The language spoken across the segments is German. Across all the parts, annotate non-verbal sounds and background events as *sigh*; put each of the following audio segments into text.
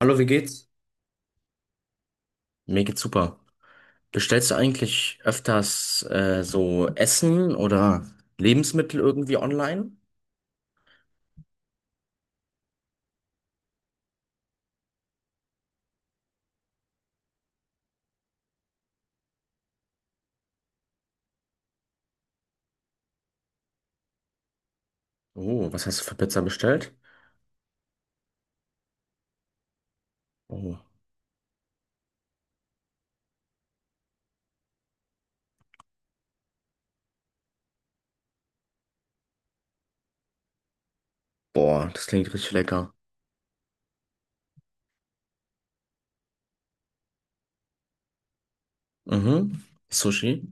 Hallo, wie geht's? Mir geht's super. Bestellst du eigentlich öfters so Essen oder Lebensmittel irgendwie online? Oh, was hast du für Pizza bestellt? Oh, boah, das klingt richtig lecker. Mhm. Sushi?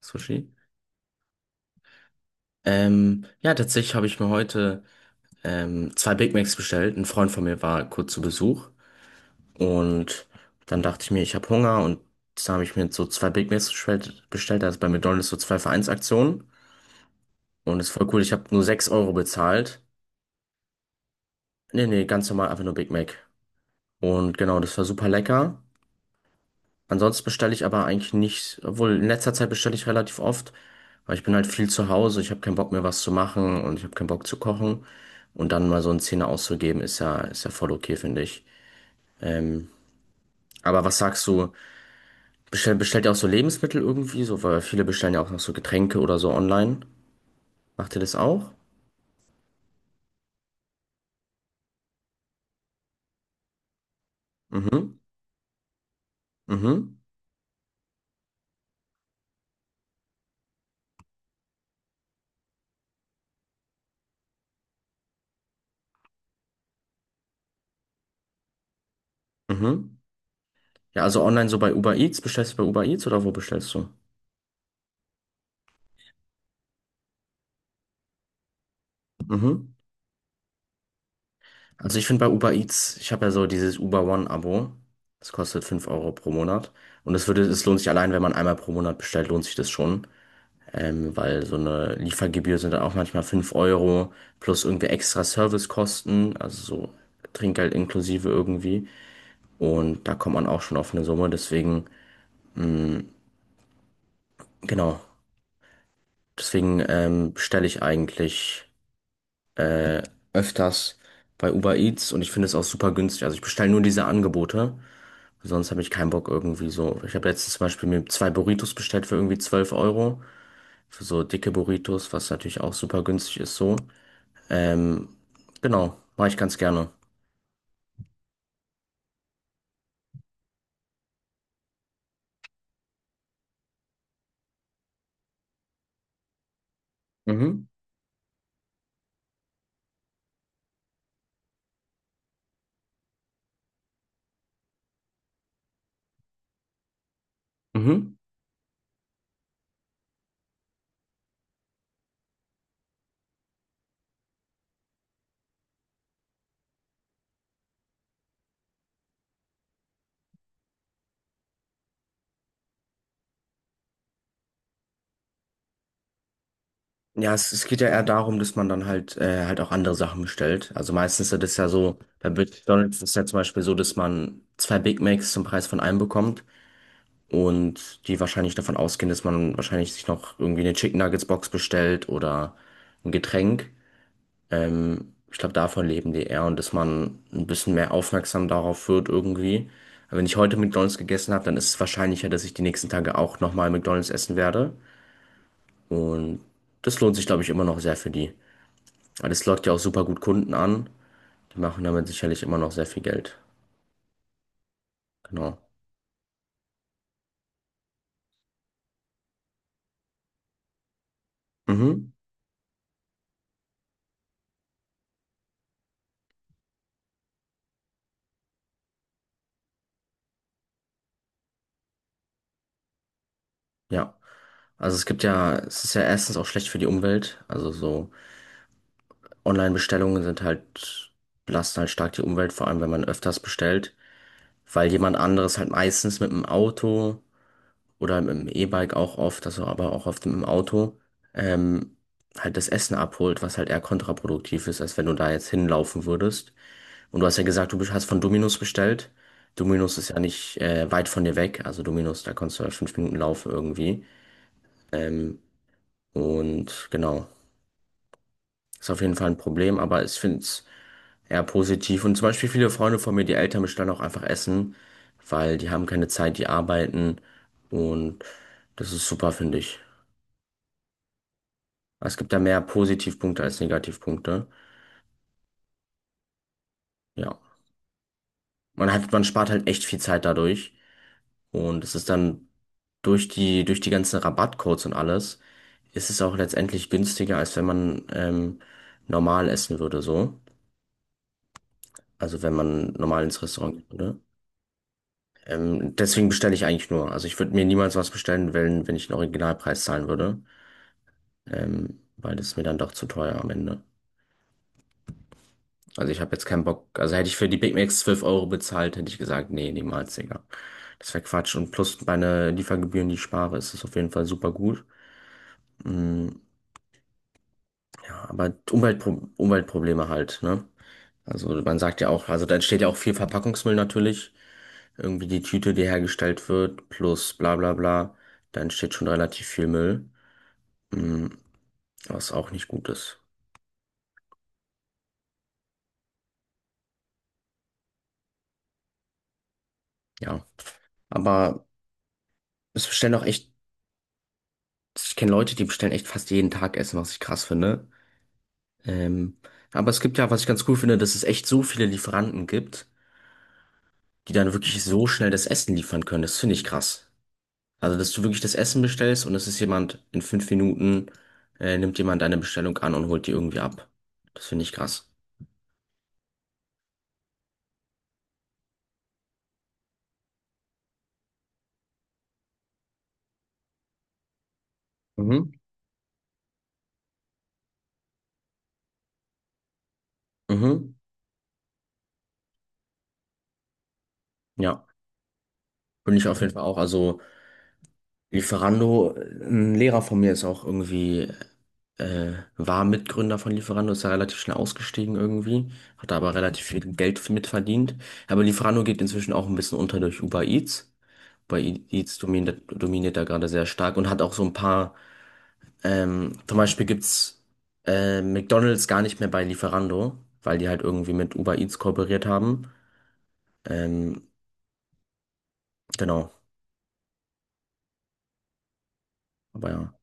Sushi? Ja, tatsächlich habe ich mir heute zwei Big Macs bestellt. Ein Freund von mir war kurz zu Besuch und dann dachte ich mir, ich habe Hunger und dann habe ich mir so zwei Big Macs bestellt. Also bei McDonald's so zwei für eins Vereinsaktionen und das ist voll cool. Ich habe nur 6 Euro bezahlt. Nee, nee, ganz normal, einfach nur Big Mac. Und genau, das war super lecker. Ansonsten bestelle ich aber eigentlich nicht, obwohl in letzter Zeit bestelle ich relativ oft, weil ich bin halt viel zu Hause, ich habe keinen Bock mehr was zu machen und ich habe keinen Bock zu kochen. Und dann mal so einen Zehner auszugeben, ist ja voll okay, finde ich. Ähm, aber was sagst du? Bestellt ihr auch so Lebensmittel irgendwie? So, weil viele bestellen ja auch noch so Getränke oder so online. Macht ihr das auch? Mhm, mhm, mhm. Ja, also online so bei Uber Eats. Bestellst du bei Uber Eats oder wo bestellst du? Mhm. Also ich finde bei Uber Eats, ich habe ja so dieses Uber One-Abo. Das kostet 5 Euro pro Monat. Und es lohnt sich allein, wenn man einmal pro Monat bestellt, lohnt sich das schon. Weil so eine Liefergebühr sind dann auch manchmal 5 Euro plus irgendwie extra Servicekosten, also so Trinkgeld inklusive irgendwie. Und da kommt man auch schon auf eine Summe. Deswegen, genau, deswegen bestelle ich eigentlich äh, öfters bei Uber Eats und ich finde es auch super günstig. Also ich bestelle nur diese Angebote. Sonst habe ich keinen Bock irgendwie so. Ich habe letztens zum Beispiel mir zwei Burritos bestellt für irgendwie 12 Euro. Für so dicke Burritos, was natürlich auch super günstig ist so. Ähm, genau, mache ich ganz gerne. Mhm. Mhm. Ja, es geht ja eher darum, dass man dann halt halt auch andere Sachen bestellt. Also meistens ist das ja so, bei McDonald's ist es ja zum Beispiel so, dass man zwei Big Macs zum Preis von einem bekommt und die wahrscheinlich davon ausgehen, dass man wahrscheinlich sich noch irgendwie eine Chicken Nuggets Box bestellt oder ein Getränk. Ich glaube, davon leben die eher und dass man ein bisschen mehr aufmerksam darauf wird irgendwie. Aber wenn ich heute McDonald's gegessen habe, dann ist es wahrscheinlicher, dass ich die nächsten Tage auch nochmal McDonald's essen werde. Und das lohnt sich, glaube ich, immer noch sehr für die. Weil das lockt ja auch super gut Kunden an. Die machen damit sicherlich immer noch sehr viel Geld. Genau. Mhm. Ja. Also es gibt ja, es ist ja erstens auch schlecht für die Umwelt. Also so Online-Bestellungen sind halt, belasten halt stark die Umwelt, vor allem wenn man öfters bestellt. Weil jemand anderes halt meistens mit dem Auto oder mit dem E-Bike auch oft, also aber auch oft mit dem Auto, ähm, halt das Essen abholt, was halt eher kontraproduktiv ist, als wenn du da jetzt hinlaufen würdest. Und du hast ja gesagt, du hast von Domino's bestellt. Domino's ist ja nicht weit von dir weg, also Domino's, da kannst du halt 5 Minuten laufen irgendwie. Ähm, und genau, ist auf jeden Fall ein Problem, aber ich finde es eher positiv. Und zum Beispiel viele Freunde von mir, die Eltern bestellen auch einfach Essen, weil die haben keine Zeit, die arbeiten. Und das ist super, finde ich. Es gibt da mehr Positivpunkte als Negativpunkte. Ja. Man hat, man spart halt echt viel Zeit dadurch. Und es ist dann durch die ganzen Rabattcodes und alles, ist es auch letztendlich günstiger, als wenn man normal essen würde, so. Also wenn man normal ins Restaurant geht, deswegen bestelle ich eigentlich nur. Also ich würde mir niemals was bestellen, wenn ich den Originalpreis zahlen würde. Weil das ist mir dann doch zu teuer am Ende. Also ich habe jetzt keinen Bock. Also hätte ich für die Big Macs 12 Euro bezahlt, hätte ich gesagt, nee, niemals, Digga. Das wäre Quatsch. Und plus meine Liefergebühren, die ich spare, ist es auf jeden Fall super gut. Mm, ja, aber Umweltprobleme halt, ne? Also man sagt ja auch, also da entsteht ja auch viel Verpackungsmüll natürlich. Irgendwie die Tüte, die hergestellt wird, plus bla bla bla. Da entsteht schon relativ viel Müll. Mm, was auch nicht gut ist. Ja. Aber es bestellen auch echt, ich kenne Leute, die bestellen echt fast jeden Tag Essen, was ich krass finde. Ähm, aber es gibt ja, was ich ganz cool finde, dass es echt so viele Lieferanten gibt, die dann wirklich so schnell das Essen liefern können. Das finde ich krass. Also, dass du wirklich das Essen bestellst und es ist jemand in 5 Minuten, nimmt jemand deine Bestellung an und holt die irgendwie ab. Das finde ich krass. Mhm. Mhm. Ja. Bin ich auf jeden Fall auch. Also, Lieferando, ein Lehrer von mir ist auch irgendwie. War Mitgründer von Lieferando, ist ja relativ schnell ausgestiegen irgendwie, hat da aber relativ viel Geld mit verdient. Aber Lieferando geht inzwischen auch ein bisschen unter durch Uber Eats. Uber Eats dominiert da gerade sehr stark und hat auch so ein paar, zum Beispiel gibt's McDonald's gar nicht mehr bei Lieferando, weil die halt irgendwie mit Uber Eats kooperiert haben. Ähm, genau, aber ja.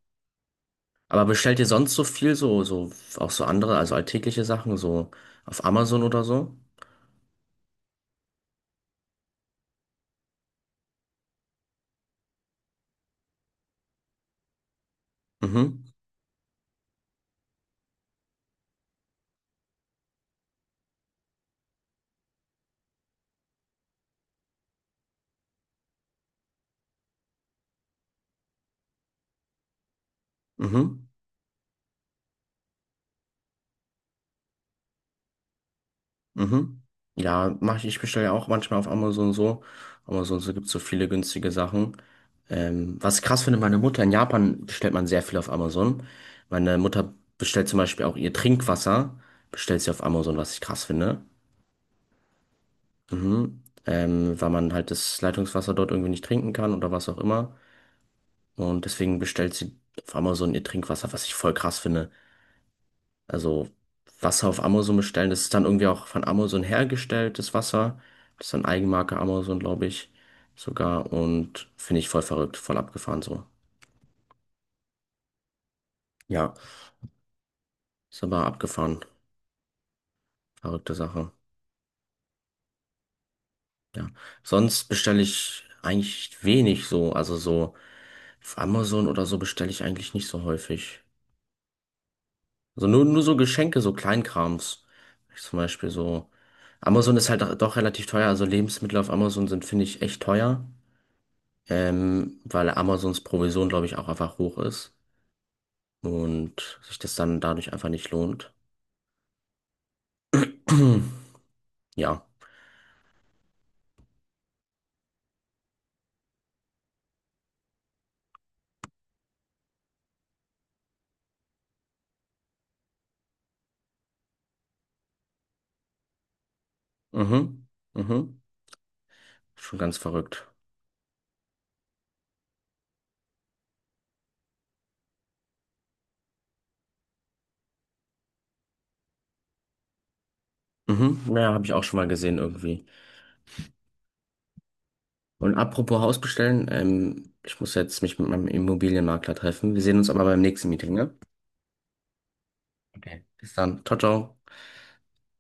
Aber bestellt ihr sonst so viel, auch so andere, also alltägliche Sachen, so auf Amazon oder so? Mhm, mhm. Mhm. Ja, mach ich, ich bestelle ja auch manchmal auf Amazon so. Amazon so gibt's so viele günstige Sachen. Was ich krass finde, meine Mutter in Japan bestellt man sehr viel auf Amazon. Meine Mutter bestellt zum Beispiel auch ihr Trinkwasser, bestellt sie auf Amazon, was ich krass finde. Mhm. Weil man halt das Leitungswasser dort irgendwie nicht trinken kann oder was auch immer. Und deswegen bestellt sie auf Amazon ihr Trinkwasser, was ich voll krass finde. Also Wasser auf Amazon bestellen. Das ist dann irgendwie auch von Amazon hergestelltes Wasser. Das ist dann Eigenmarke Amazon, glaube ich, sogar. Und finde ich voll verrückt, voll abgefahren so. Ja, ist aber abgefahren. Verrückte Sache. Ja. Sonst bestelle ich eigentlich wenig so. Also so auf Amazon oder so bestelle ich eigentlich nicht so häufig. Also nur so Geschenke, so Kleinkrams. Zum Beispiel so. Amazon ist halt doch relativ teuer. Also Lebensmittel auf Amazon sind, finde ich, echt teuer. Weil Amazons Provision, glaube ich, auch einfach hoch ist und sich das dann dadurch einfach nicht lohnt. *clears throat* Ja. Mhm. Mhm. Schon ganz verrückt. Mhm. Ja, habe ich auch schon mal gesehen irgendwie. Und apropos Haus bestellen, ich muss jetzt mich mit meinem Immobilienmakler treffen. Wir sehen uns aber beim nächsten Meeting, ne? Okay. Bis dann. Ciao, ciao.